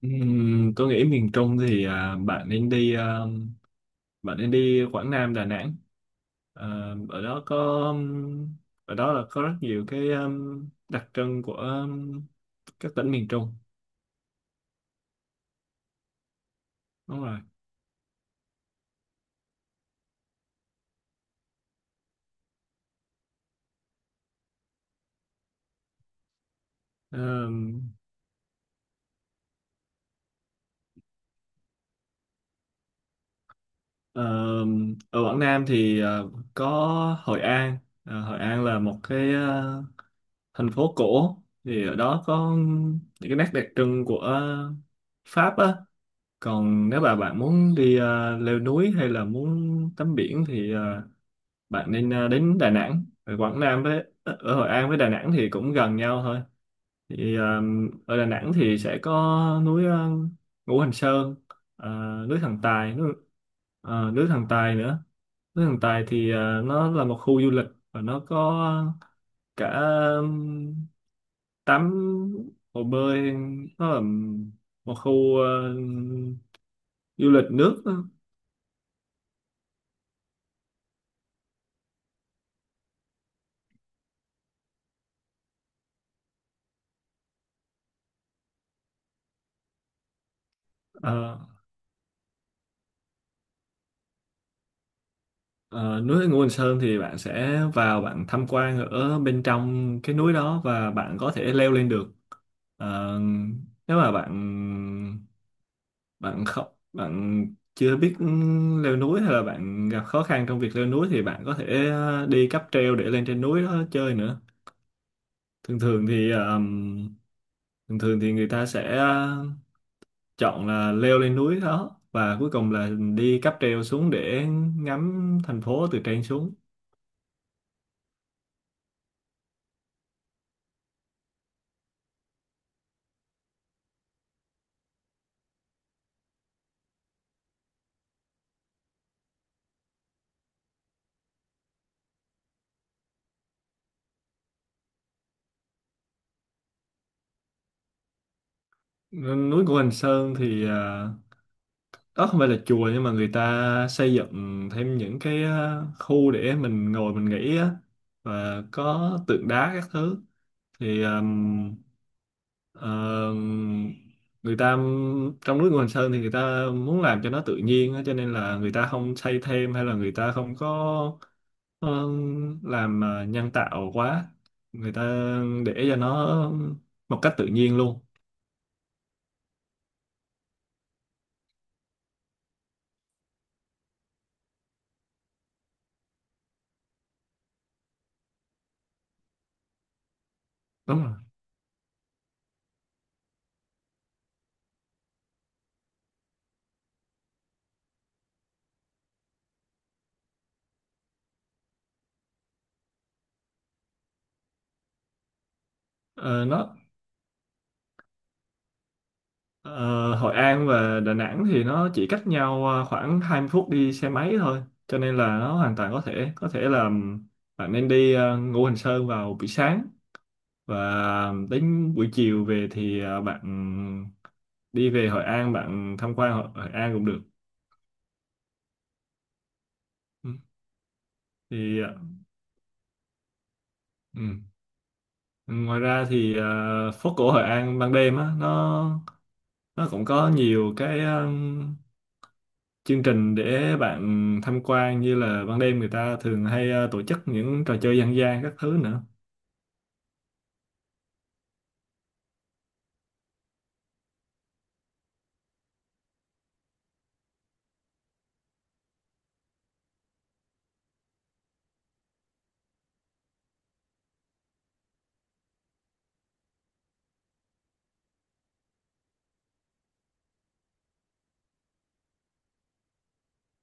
Tôi nghĩ miền Trung bạn nên đi Quảng Nam Đà Nẵng. À, ở đó có ừm, ở đó là có rất nhiều cái đặc trưng của các tỉnh miền Trung. Đúng rồi. Ừm, ở Quảng Nam có Hội An. Hội An là một thành phố cổ, thì ở đó có những cái nét đặc trưng của Pháp á. Còn nếu mà bạn muốn đi leo núi hay là muốn tắm biển bạn nên đến Đà Nẵng. Ở Quảng Nam với ở Hội An với Đà Nẵng thì cũng gần nhau thôi. Thì ờ, ở Đà Nẵng thì sẽ có núi Ngũ Hành Sơn, ờ, núi Thần Tài, núi Thần Tài nữa. Núi Thần Tài thì nó là một khu du lịch và nó có cả tắm hồ bơi, nó là một khu du lịch nước á. ờ, ờ, Núi Ngũ Hành Sơn thì bạn sẽ vào bạn tham quan ở bên trong cái núi đó và bạn có thể leo lên được. Ờ, nếu mà bạn bạn không bạn chưa biết leo núi hay là bạn gặp khó khăn trong việc leo núi thì bạn có thể đi cáp treo để lên trên núi đó chơi nữa. thường thường thì ờm, Thường thường thì người ta sẽ chọn là leo lên núi đó và cuối cùng là đi cáp treo xuống để ngắm thành phố từ trên xuống. Núi của Quỳnh Sơn thì đó không phải là chùa nhưng mà người ta xây dựng thêm những cái khu để mình ngồi mình nghỉ á, và có tượng đá các thứ. Thì ờm, người ta Trong núi Quỳnh Sơn thì người ta muốn làm cho nó tự nhiên á, cho nên là người ta không xây thêm hay là người ta không có làm nhân tạo quá, người ta để cho nó một cách tự nhiên luôn. Đúng rồi. Ờ, nó Ờ, Hội An và Đà Nẵng thì nó chỉ cách nhau khoảng 20 phút đi xe máy thôi, cho nên là nó hoàn toàn có thể là bạn nên đi Ngũ Hành Sơn vào buổi sáng, và đến buổi chiều về thì bạn đi về Hội An bạn tham quan Hội An cũng được. Ừ. thì ờ, ừ. Ngoài ra thì phố cổ Hội An ban đêm á, nó cũng có nhiều cái chương trình để bạn tham quan, như là ban đêm người ta thường hay tổ chức những trò chơi dân gian các thứ nữa.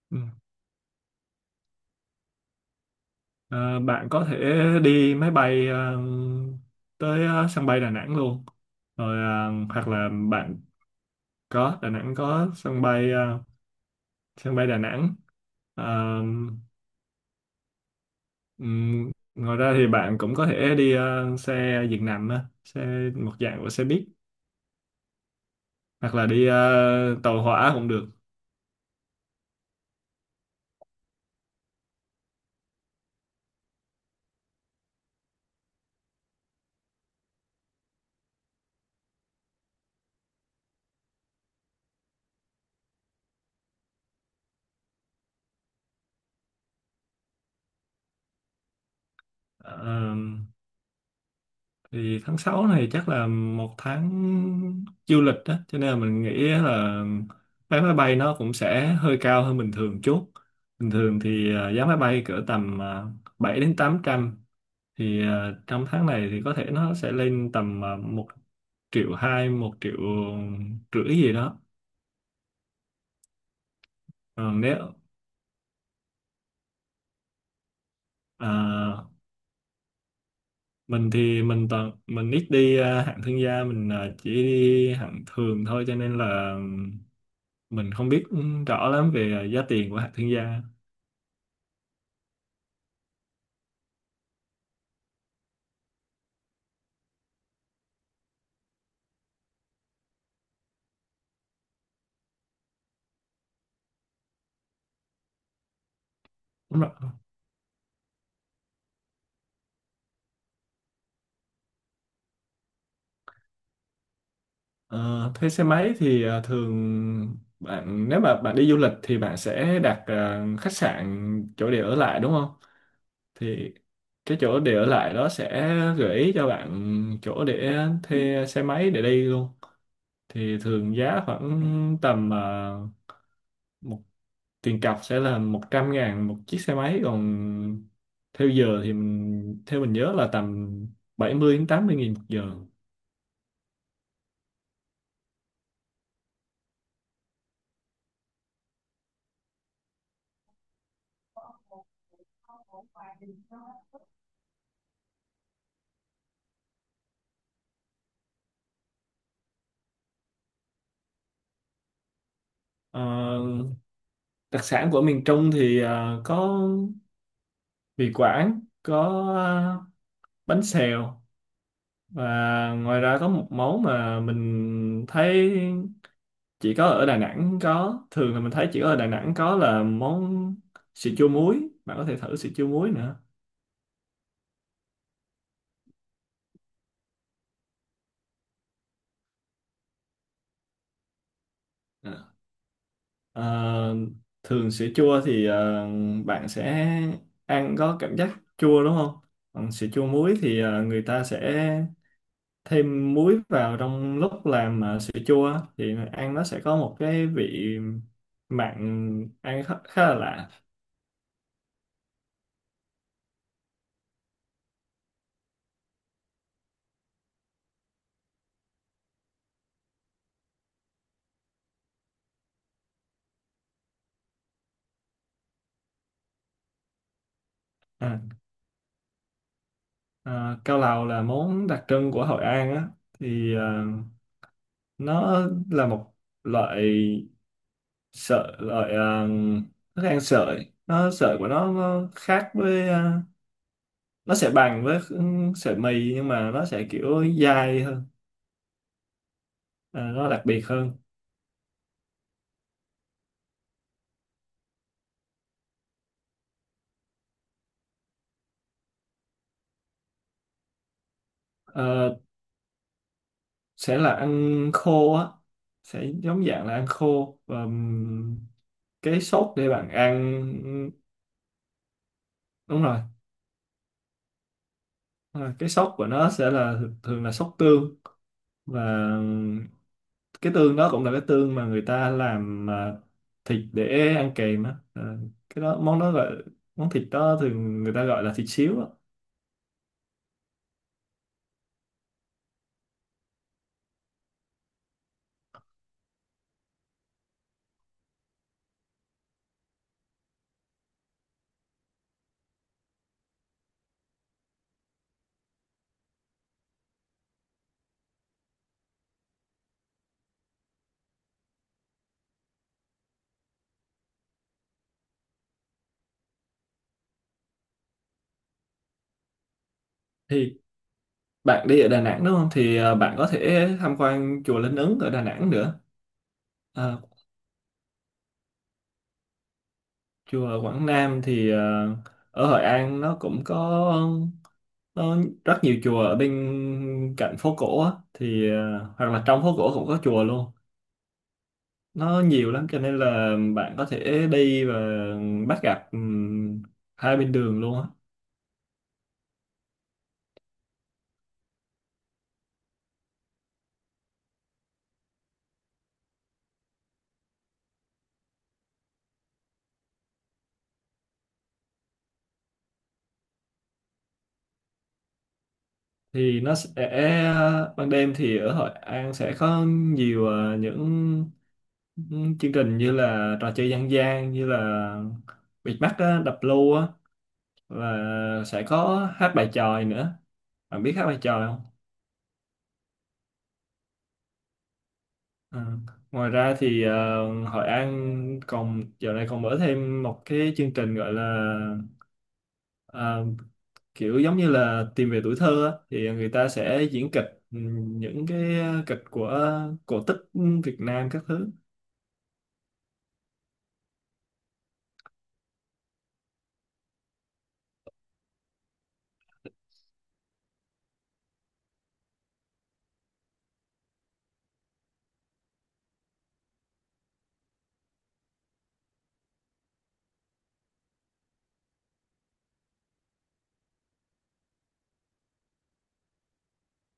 Ừ. Ờ, bạn có thể đi máy bay tới sân bay Đà Nẵng luôn. Rồi ờ, hoặc là bạn có Đà Nẵng có sân bay, sân bay Đà Nẵng. Ờ, Ngoài ra thì bạn cũng có thể đi xe giường nằm á, xe một dạng của xe buýt, hoặc là đi tàu hỏa cũng được. Ờ, thì tháng 6 này chắc là một tháng du lịch đó, cho nên là mình nghĩ là vé máy bay nó cũng sẽ hơi cao hơn bình thường chút. Bình thường thì giá máy bay cỡ tầm 7 đến 800, trong tháng này thì có thể nó sẽ lên tầm một triệu hai một triệu rưỡi gì đó. Ờ, nếu à, mình thì mình toàn mình ít đi hạng thương gia, mình chỉ đi hạng thường thôi cho nên là mình không biết rõ lắm về giá tiền của hạt thương gia. Đúng rồi. Ờ, thuê xe máy thì thường bạn nếu mà bạn đi du lịch thì bạn sẽ đặt khách sạn chỗ để ở lại đúng không, thì cái chỗ để ở lại đó sẽ gợi ý cho bạn chỗ để thuê xe máy để đi luôn. Thì thường giá khoảng tầm ờ, một tiền cọc sẽ là 100.000 một chiếc xe máy, còn theo giờ thì mình theo mình nhớ là tầm 70 đến 80.000 một giờ. Ờ, đặc sản của miền Trung thì có mì Quảng, có ờ, bánh xèo, và ngoài ra có một món mà mình thấy chỉ có ở Đà Nẵng có, thường là mình thấy chỉ có ở Đà Nẵng có, là món sữa chua muối. Bạn có thể thử sữa chua muối nữa. Ờ, thường sữa chua thì bạn sẽ ăn có cảm giác chua đúng không? Còn sữa chua muối thì người ta sẽ thêm muối vào trong lúc làm sữa chua á, thì ăn nó sẽ có một cái vị mặn, ăn khá, khá là lạ. à, ờ, Cao lầu là món đặc trưng của Hội An á, thì nó là một loại loại thức ăn sợi, nó sợi của nó khác với nó sẽ bằng với sợi mì nhưng mà nó sẽ kiểu dai hơn, ờ, nó đặc biệt hơn. Ờ, sẽ là ăn khô á, sẽ giống dạng là ăn khô và cái sốt để bạn ăn. Đúng rồi, đúng rồi. Cái sốt của nó sẽ là thường là sốt tương, và cái tương đó cũng là cái tương mà người ta làm thịt để ăn kèm á. Ờ, cái đó món đó gọi, món thịt đó thường người ta gọi là thịt xíu á. Thì bạn đi ở Đà Nẵng đúng không, thì bạn có thể tham quan chùa Linh Ứng ở Đà Nẵng nữa. À, chùa Quảng Nam thì ở Hội An nó cũng có, nó rất nhiều chùa ở bên cạnh phố cổ á, hoặc là trong phố cổ cũng có chùa luôn. Nó nhiều lắm cho nên là bạn có thể đi và bắt gặp hai bên đường luôn á. Thì nó sẽ Ban đêm thì ở Hội An sẽ có nhiều những chương trình như là trò chơi dân gian, như là bịt mắt á, đập lô á, và sẽ có hát bài chòi nữa. Bạn biết hát bài chòi không? Ờ. Ngoài ra thì Hội An còn giờ này còn mở thêm một cái chương trình gọi là ờ, kiểu giống như là tìm về tuổi thơ á, thì người ta sẽ diễn kịch, những kịch của cổ tích Việt Nam các thứ.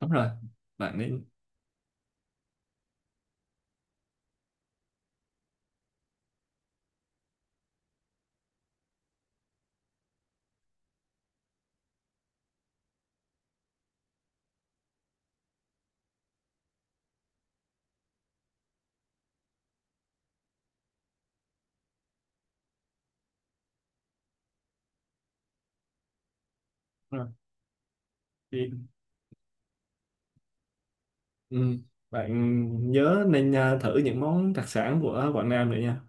Đúng rồi, bạn nên, đúng rồi. Thì, ừm, Bạn nhớ nên thử những món đặc sản của Quảng Nam nữa nha.